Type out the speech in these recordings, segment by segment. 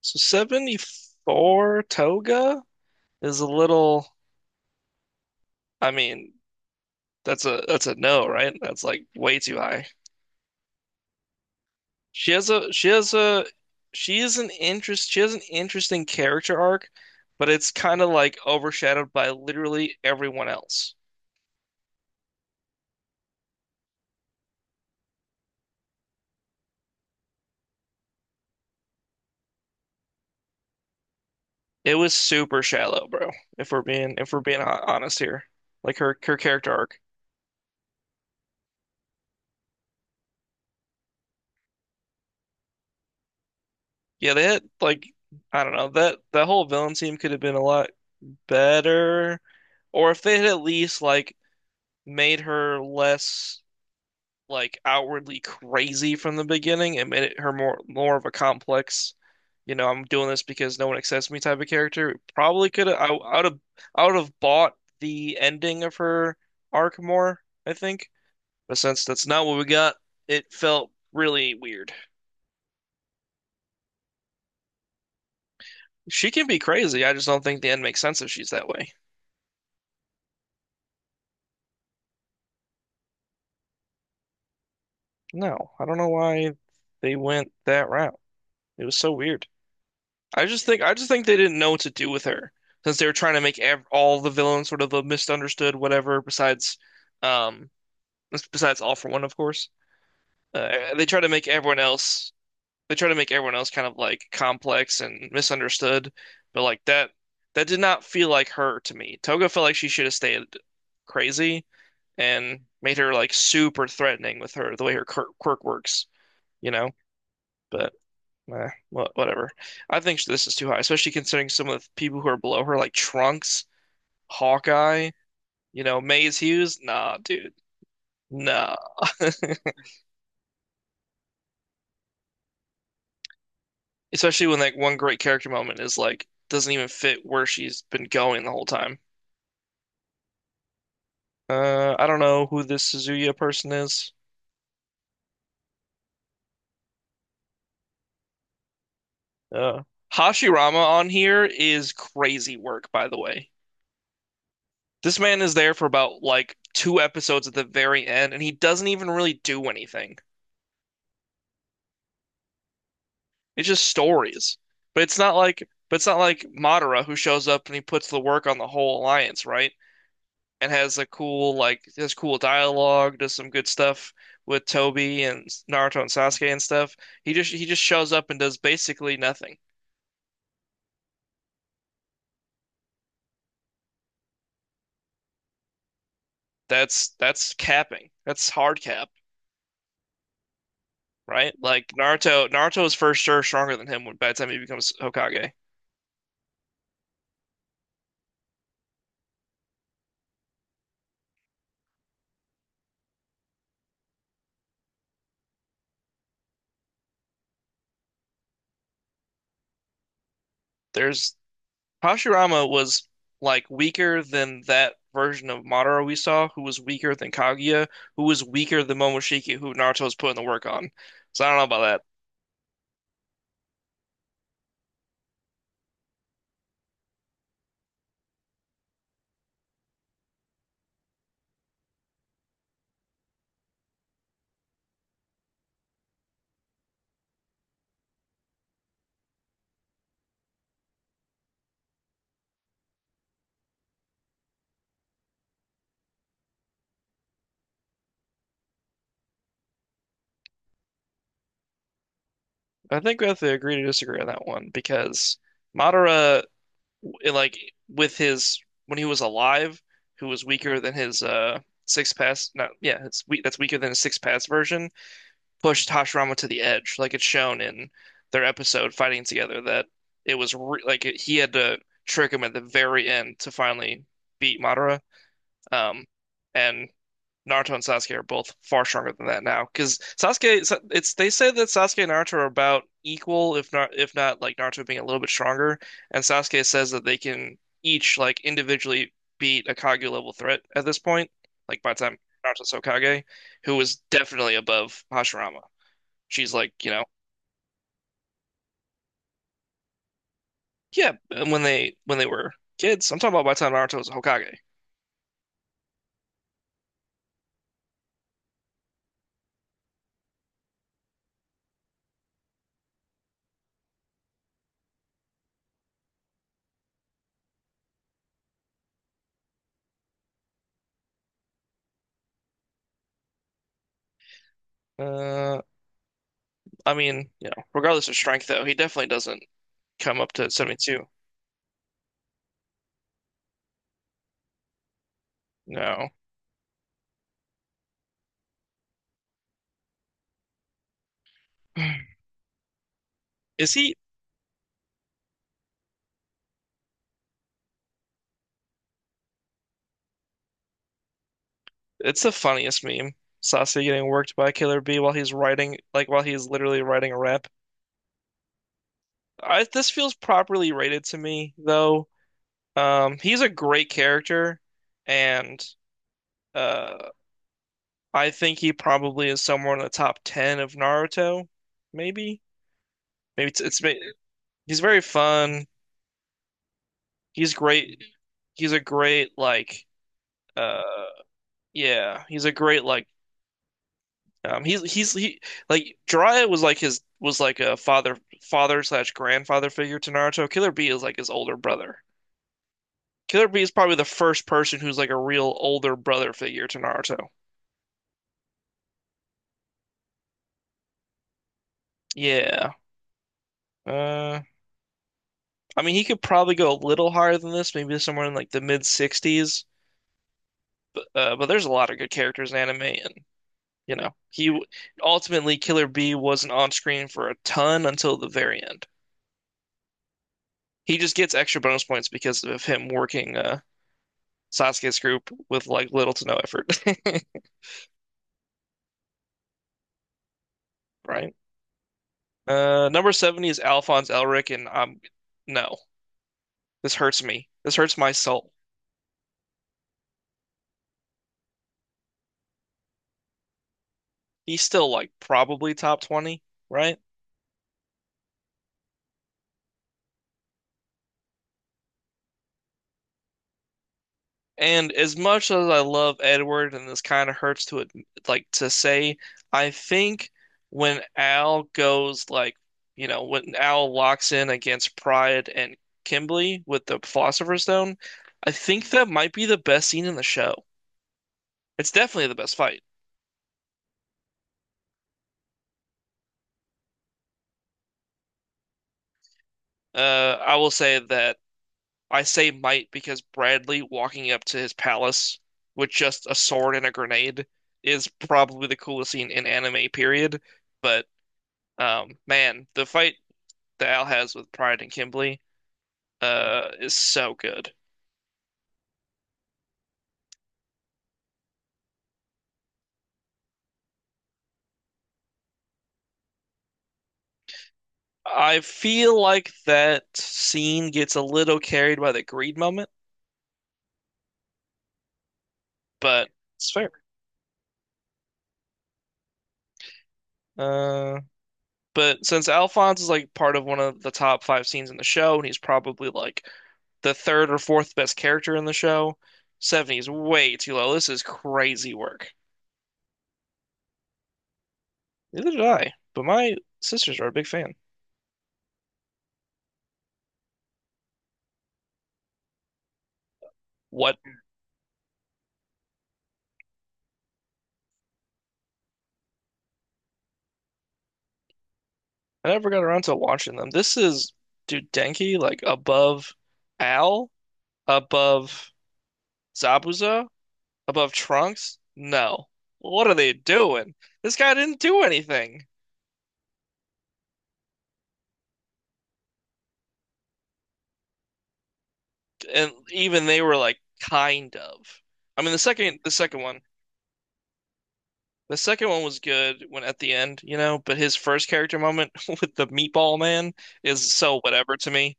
So 74 Toga is a little, I mean, that's a no, right? That's like way too high. She has a she has an interesting character arc, but it's kind of like overshadowed by literally everyone else. It was super shallow, bro, if we're being honest here. Like her character arc. Yeah, they had like I don't know, that whole villain team could have been a lot better. Or if they had at least like made her less like outwardly crazy from the beginning. It made it her more of a complex, you know, I'm doing this because no one accepts me type of character. It probably could have I would have I would have bought the ending of her arc more, I think. But since that's not what we got, it felt really weird. She can be crazy. I just don't think the end makes sense if she's that way. No, I don't know why they went that route. It was so weird. I just think they didn't know what to do with her since they were trying to make ev all the villains sort of a misunderstood whatever besides um besides All for One of course. Uh, they try to make everyone else they try to make everyone else kind of like complex and misunderstood, but like that did not feel like her to me. Toga felt like she should have stayed crazy and made her like super threatening with her the way her quirk works, you know? But whatever. I think this is too high, especially considering some of the people who are below her, like Trunks, Hawkeye, you know, Maze Hughes. Nah, dude. Nah. Especially when like one great character moment is like doesn't even fit where she's been going the whole time. I don't know who this Suzuya person is. Uh, Hashirama on here is crazy work, by the way. This man is there for about like two episodes at the very end, and he doesn't even really do anything. It's just stories. But it's not like but it's not like Madara who shows up and he puts the work on the whole alliance, right? And has a cool like has cool dialogue, does some good stuff with Tobi and Naruto and Sasuke and stuff. He just shows up and does basically nothing. That's capping. That's hard cap, right? Like Naruto is for sure stronger than him when by the time he becomes Hokage. There's Hashirama was like weaker than that version of Madara we saw, who was weaker than Kaguya, who was weaker than Momoshiki, who Naruto's putting the work on. So I don't know about that. I think we have to agree to disagree on that one because Madara, like with his when he was alive, who was weaker than his six pass, not yeah, it's we that's weaker than his six pass version pushed Hashirama to the edge. Like it's shown in their episode fighting together that it was re like it, he had to trick him at the very end to finally beat Madara. Um, and Naruto and Sasuke are both far stronger than that now because Sasuke, it's they say that Sasuke and Naruto are about equal, if not like Naruto being a little bit stronger, and Sasuke says that they can each like individually beat a Kage level threat at this point, like by the time Naruto's Hokage, who was definitely above Hashirama she's like, you know, yeah, and when they were kids, I'm talking about by the time Naruto was a Hokage. Uh, I mean, you know, regardless of strength, though, he definitely doesn't come up to 72. No. Is he? It's the funniest meme. Sasuke getting worked by Killer B while he's writing, like while he's literally writing a rap. I, this feels properly rated to me, though. He's a great character, and uh, I think he probably is somewhere in the top 10 of Naruto, maybe. Maybe it's, it's ma- He's very fun. He's great. He's a great like uh yeah, he's a great like he's he like Jiraiya was like his was like a father slash grandfather figure to Naruto. Killer B is like his older brother. Killer B is probably the first person who's like a real older brother figure to Naruto. Yeah. Uh I mean he could probably go a little higher than this, maybe somewhere in like the mid 60s. But there's a lot of good characters in anime and you know, he ultimately Killer B wasn't on screen for a ton until the very end. He just gets extra bonus points because of him working Sasuke's group with like little to no effort, right? Number 70 is Alphonse Elric, and I'm no, this hurts me. This hurts my soul. He's still like probably top 20, right? And as much as I love Edward, and this kind of hurts to it, like to say, I think when Al goes like, you know, when Al locks in against Pride and Kimberly with the Philosopher's Stone, I think that might be the best scene in the show. It's definitely the best fight. Uh, I will say that I say might because Bradley walking up to his palace with just a sword and a grenade is probably the coolest scene in anime, period. But man, the fight that Al has with Pride and Kimberly, is so good. I feel like that scene gets a little carried by the greed moment, but it's fair. Uh, but since Alphonse is like part of one of the top five scenes in the show, and he's probably like the third or fourth best character in the show, 70 is way too low. This is crazy work. Neither did I, but my sisters are a big fan. What? I never got around to watching them. This is, dude, Denki, like above Al, above Zabuza, above Trunks? No. What are they doing? This guy didn't do anything. And even they were like kind of. I mean the second one. The second one was good when at the end, you know, but his first character moment with the meatball man is so whatever to me.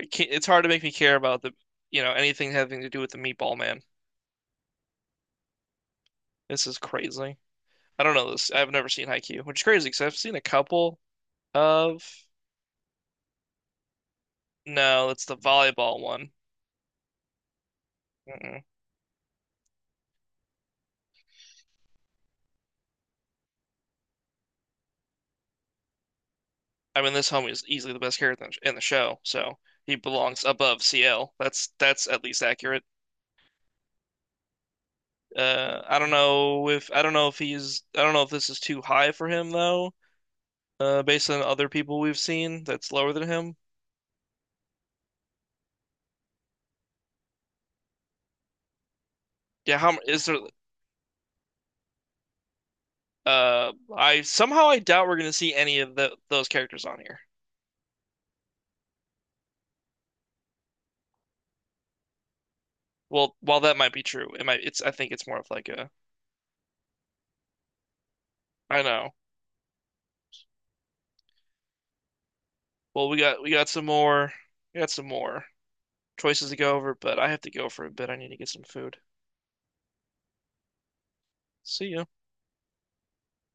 I can't, it's hard to make me care about the, you know, anything having to do with the meatball man. This is crazy. I don't know this. I've never seen Haikyuu, which is crazy because I've seen a couple of. No, it's the volleyball one. Mm-mm. I mean, this homie is easily the best character in the show, so he belongs above CL. That's at least accurate. I don't know if this is too high for him though. Based on other people we've seen, that's lower than him. Yeah, is there? I somehow I doubt we're gonna see any of the those characters on here. Well, while that might be true, it might. It's I think it's more of like a I know. Well, we got some more we got some more choices to go over, but I have to go for a bit. I need to get some food. See ya.